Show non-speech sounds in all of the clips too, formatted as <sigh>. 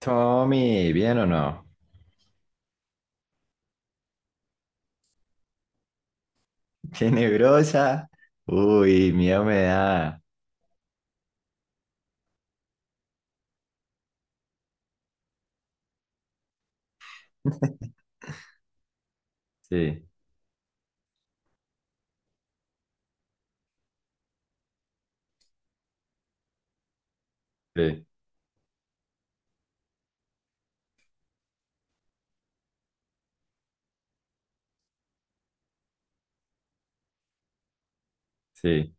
Tommy, ¿bien o no? Tenebrosa. Uy, miedo me da. Sí, sí, sí.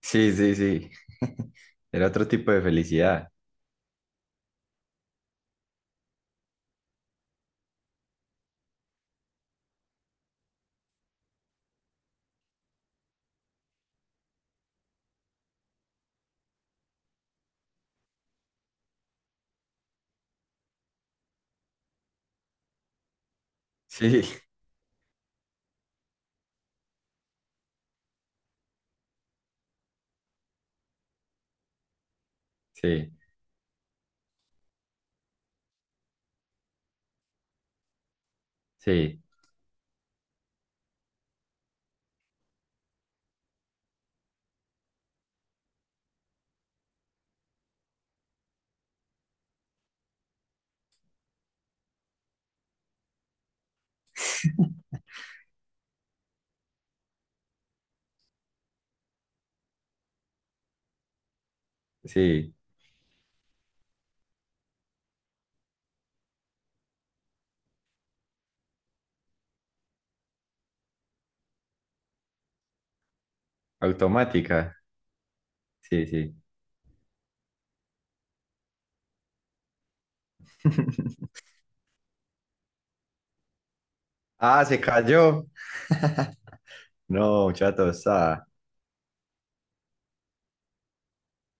Sí, sí, sí. <laughs> Era otro tipo de felicidad. Sí, sí, sí, sí. Automática. Sí, sí. <laughs> Ah, se cayó. <laughs> No, chato, está.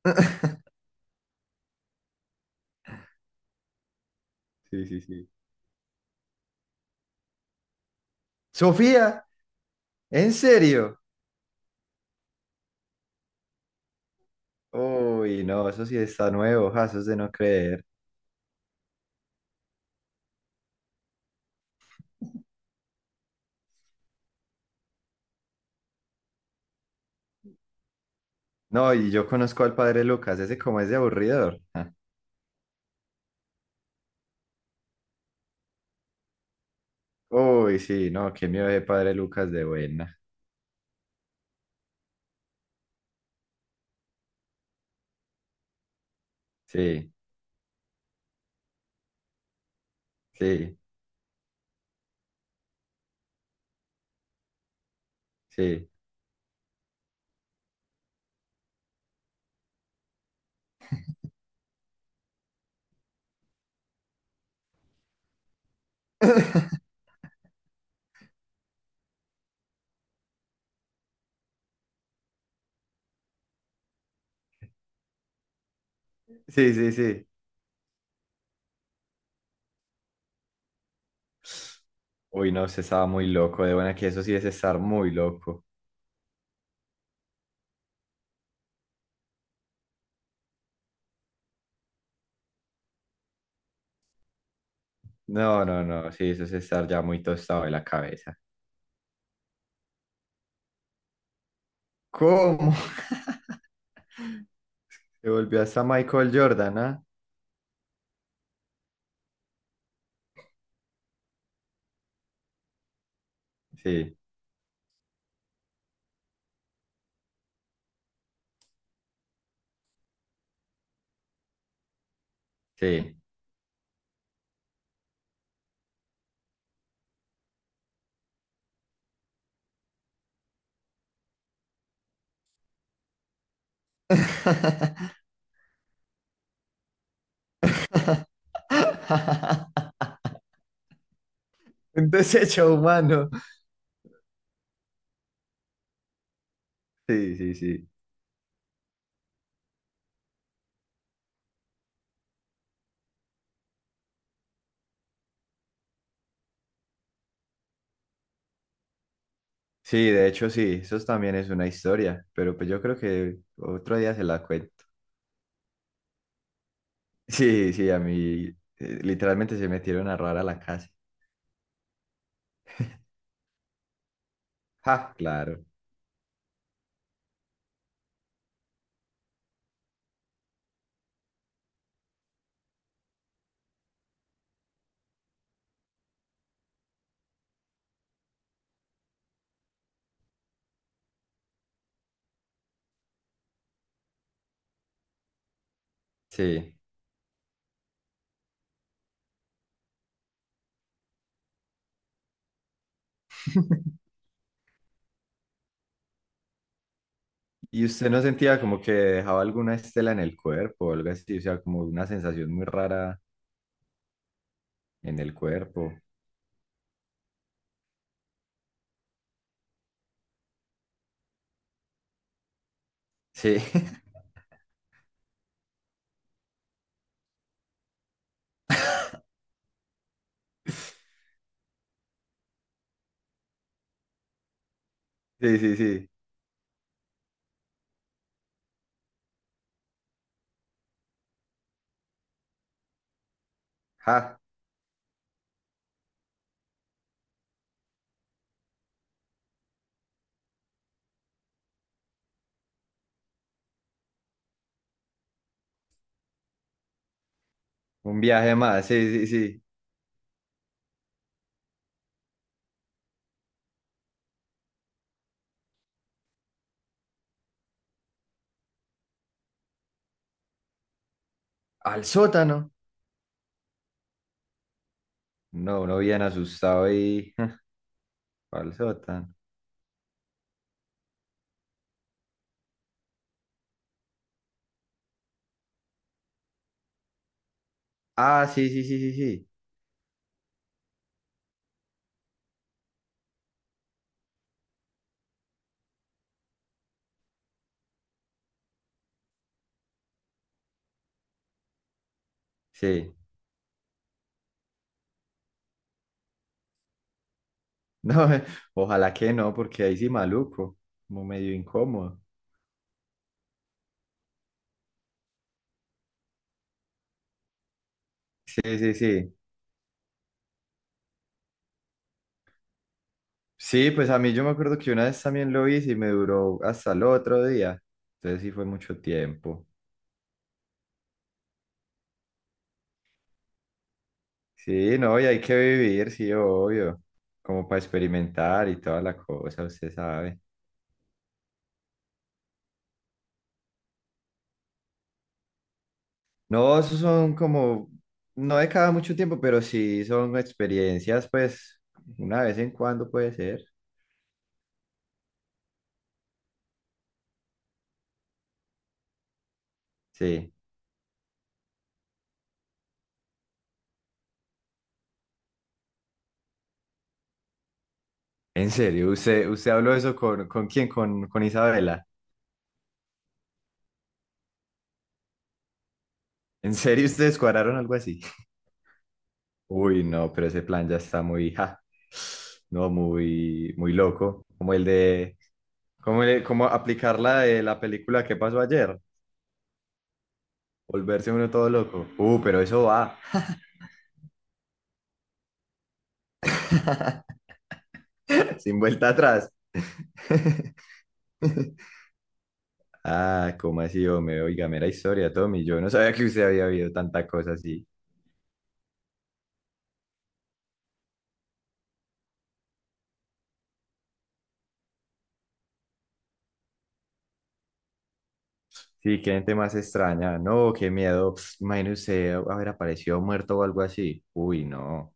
<laughs> Sí, sí, sí. Sofía, ¿en serio? Uy, no, eso sí está nuevo, ja, eso es de no creer. No, y yo conozco al padre Lucas, ese como es de aburridor. <laughs> Uy, sí, no, qué miedo de Padre Lucas de buena. Sí, sí, sí. <laughs> Sí, sí, sí. Uy, no, se estaba muy loco de buena, que eso sí es estar muy loco. No, no, no, sí, eso es estar ya muy tostado de la cabeza. ¿Cómo? <laughs> Se volvió hasta Michael Jordan, ¿ah? Sí, sí. <laughs> Un desecho humano. Sí, sí, sí. Sí, de hecho sí, eso también es una historia, pero pues yo creo que otro día se la cuento. Sí, sí, a mí literalmente se metieron a robar a la casa. Ja, claro, sí. ¿Y usted no sentía como que dejaba alguna estela en el cuerpo o algo así? O sea, como una sensación muy rara en el cuerpo. Sí, <laughs> sí, sí, sí. Ja, un viaje más, sí, sí, sí. ¿Al sótano? No, uno bien asustado y... <laughs> ¿Al sótano? Ah, sí, sí, sí, sí, sí. Sí. No, <laughs> ojalá que no, porque ahí sí maluco, como medio incómodo. Sí, sí, sí. Sí, pues a mí yo me acuerdo que una vez también lo hice y me duró hasta el otro día. Entonces sí fue mucho tiempo. Sí, no, y hay que vivir, sí, obvio. Como para experimentar y toda la cosa, usted sabe. No, esos son como, no de cada mucho tiempo, pero sí son experiencias, pues, una vez en cuando puede ser. Sí. En serio, usted, usted habló eso ¿con quién? Con Isabela. ¿En serio ustedes cuadraron algo así? Uy, no, pero ese plan ya está muy, ja, no, muy loco. Como el de, como, como aplicar la de la película que pasó ayer? Volverse uno todo loco. Pero eso va. <laughs> Sin vuelta atrás. <laughs> Ah, ¿cómo así, hombre? Oiga, mera historia, Tommy. Yo no sabía que usted había habido tanta cosa así. Sí, qué gente más extraña. No, qué miedo. Pss, imagínese usted haber aparecido muerto o algo así. Uy, no,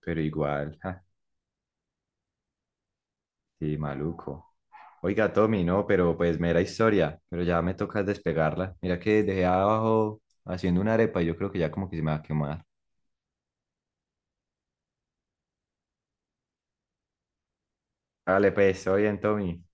pero igual. <laughs> Sí, maluco. Oiga, Tommy, no, pero pues mera historia, pero ya me toca despegarla. Mira que dejé abajo haciendo una arepa y yo creo que ya como que se me va a quemar. Dale, pues, estoy bien, Tommy.